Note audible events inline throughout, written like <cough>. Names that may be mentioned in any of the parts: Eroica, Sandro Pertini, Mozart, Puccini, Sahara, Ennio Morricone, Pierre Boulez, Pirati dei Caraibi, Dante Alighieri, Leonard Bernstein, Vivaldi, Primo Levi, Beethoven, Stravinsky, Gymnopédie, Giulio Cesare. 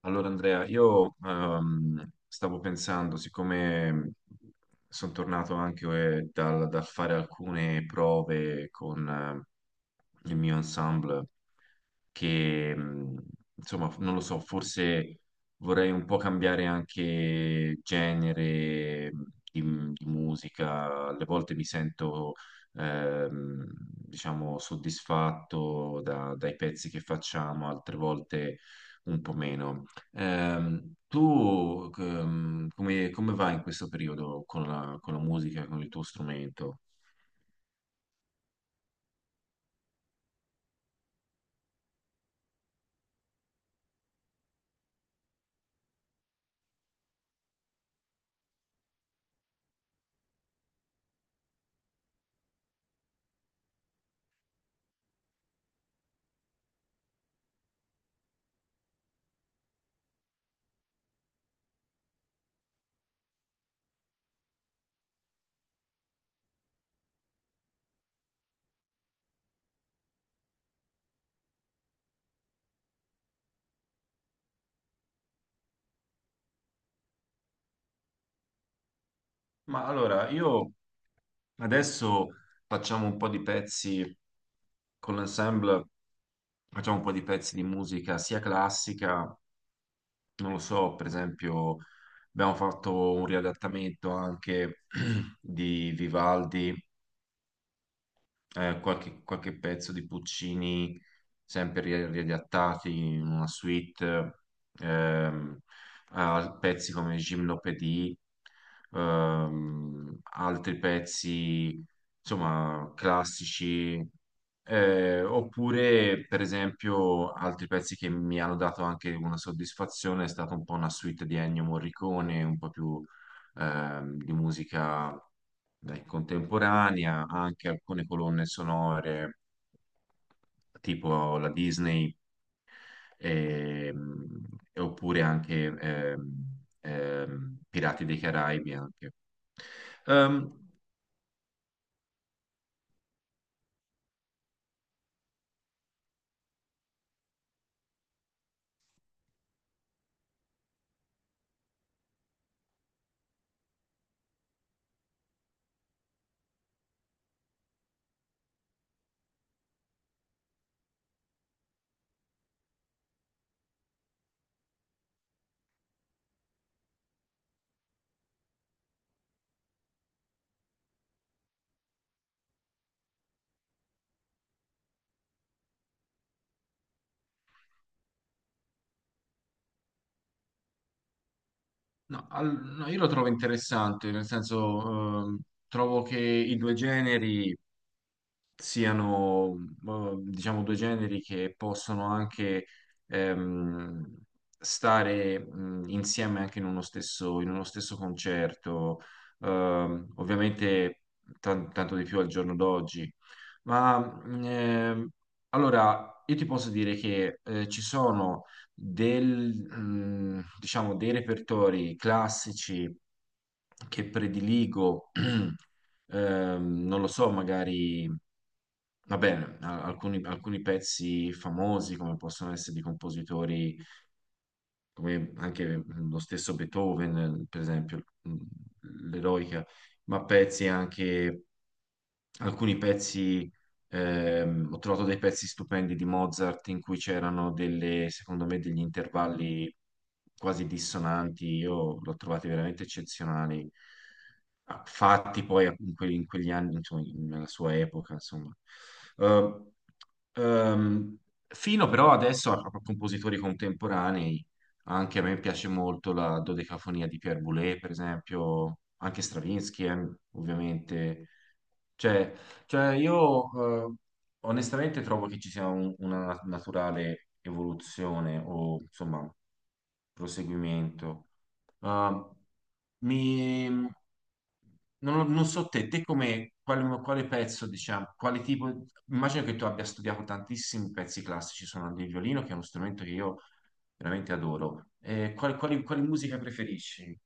Allora Andrea, io stavo pensando, siccome sono tornato anche dal fare alcune prove con il mio ensemble, che insomma, non lo so, forse vorrei un po' cambiare anche genere di, di musica. Alle volte mi sento, diciamo, soddisfatto dai pezzi che facciamo, altre volte un po' meno. Tu, come vai in questo periodo con la musica, con il tuo strumento? Ma allora, io adesso facciamo un po' di pezzi con l'ensemble, facciamo un po' di pezzi di musica sia classica, non lo so, per esempio abbiamo fatto un riadattamento anche <clears throat> di Vivaldi, qualche pezzo di Puccini sempre riadattati in una suite, ehm, a pezzi come Gymnopédie, altri pezzi, insomma, classici, oppure, per esempio, altri pezzi che mi hanno dato anche una soddisfazione è stata un po' una suite di Ennio Morricone, un po' più di musica dai, contemporanea, anche alcune colonne sonore tipo la Disney, ehm, e oppure anche Pirati dei Caraibi anche. Ehm, no, io lo trovo interessante, nel senso trovo che i due generi siano, diciamo, due generi che possono anche ehm, stare insieme anche in uno stesso concerto. Ovviamente tanto di più al giorno d'oggi. Ma mh, ehm, allora io ti posso dire che ci sono diciamo, dei repertori classici che prediligo, <clears throat> non lo so, magari. Va bene, alcuni, alcuni pezzi famosi come possono essere di compositori come anche mm, lo stesso Beethoven, per esempio, l'Eroica, ma pezzi anche alcuni pezzi, ho trovato dei pezzi stupendi di Mozart in cui c'erano delle, secondo me, degli intervalli quasi dissonanti, io l'ho trovati veramente eccezionali, ah, fatti poi in in quegli anni, insomma, nella sua epoca, insomma. Eh, ehm, fino però adesso a compositori contemporanei, anche a me piace molto la dodecafonia di Pierre Boulez, per esempio, anche Stravinsky, ovviamente. Cioè, cioè io onestamente trovo che ci sia una naturale evoluzione o insomma proseguimento. Eh, mi, non, non so te, te come quale pezzo, diciamo, quale tipo, immagino che tu abbia studiato tantissimi pezzi classici suonando il violino, che è uno strumento che io veramente adoro. Quali musica preferisci?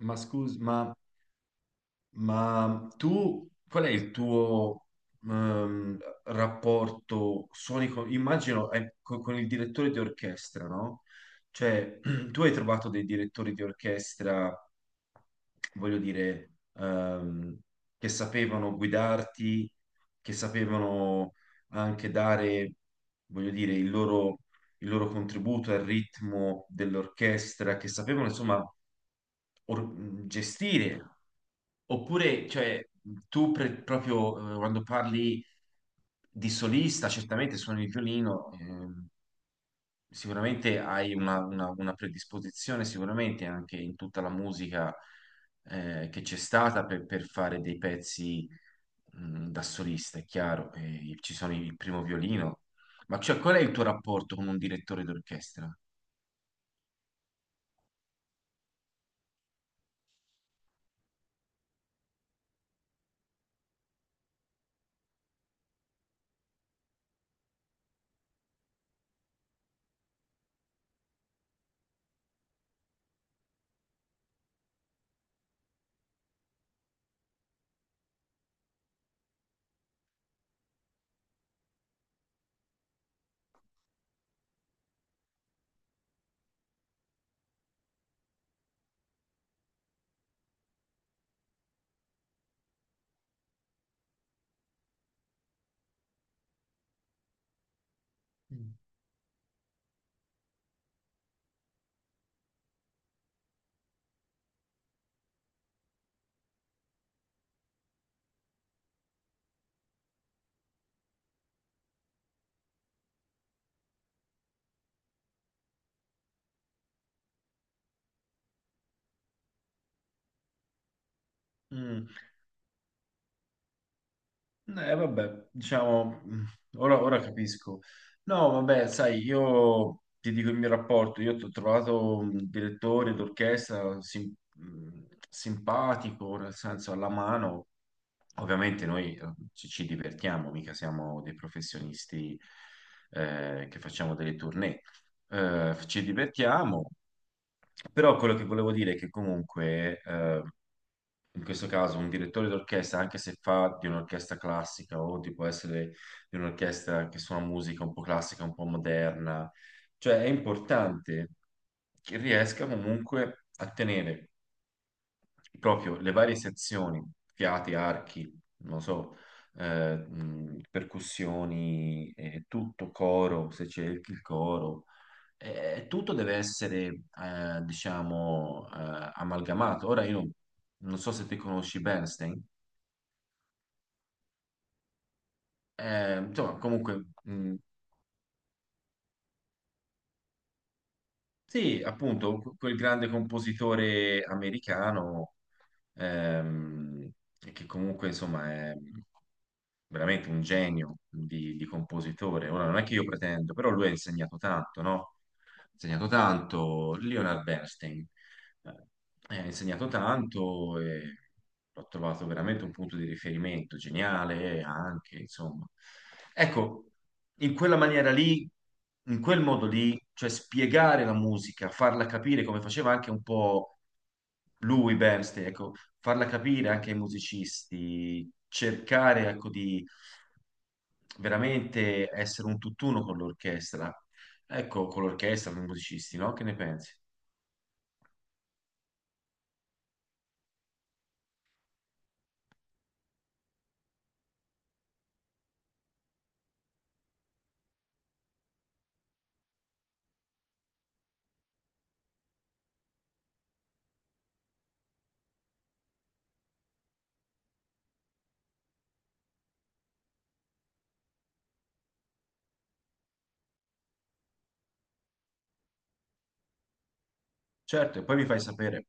Ma scusa, tu qual è il tuo ehm, rapporto sonico? Immagino con il direttore di orchestra, no? Cioè, <clears throat> tu hai trovato dei direttori di orchestra, voglio dire, che sapevano guidarti, che sapevano anche dare, voglio dire, il loro contributo al ritmo dell'orchestra, che sapevano, insomma, gestire. Oppure, cioè, tu proprio quando parli di solista, certamente suoni il violino, sicuramente hai una predisposizione, sicuramente anche in tutta la musica che c'è stata per fare dei pezzi da solista, è chiaro, e ci sono il primo violino. Ma cioè, qual è il tuo rapporto con un direttore d'orchestra? Mm. Mm. Vabbè, diciamo, ora, ora capisco. No, vabbè, sai, io ti dico il mio rapporto, io ho trovato un direttore d'orchestra simpatico, nel senso alla mano. Ovviamente noi ci divertiamo, mica siamo dei professionisti che facciamo delle tournée. Ci divertiamo, però quello che volevo dire è che comunque in questo caso un direttore d'orchestra, anche se fa di un'orchestra classica o di può essere di un'orchestra che suona musica un po' classica, un po' moderna, cioè è importante che riesca comunque a tenere proprio le varie sezioni, fiati, archi, non so, percussioni, tutto coro, se c'è il coro, tutto deve essere, diciamo, amalgamato. Ora io non so se te conosci Bernstein. Insomma, comunque, sì, appunto, quel grande compositore americano, ehm, che comunque, insomma, è veramente un genio di compositore. Ora, non è che io pretendo, però lui ha insegnato tanto, no? Ha insegnato tanto, Leonard Bernstein. Ha insegnato tanto e l'ho trovato veramente un punto di riferimento geniale anche, insomma. Ecco, in quella maniera lì, in quel modo lì, cioè spiegare la musica, farla capire come faceva anche un po' lui, Bernstein, ecco, farla capire anche ai musicisti, cercare, ecco, di veramente essere un tutt'uno con l'orchestra. Ecco, con l'orchestra, con i musicisti, no? Che ne pensi? Certo, e poi mi fai sapere.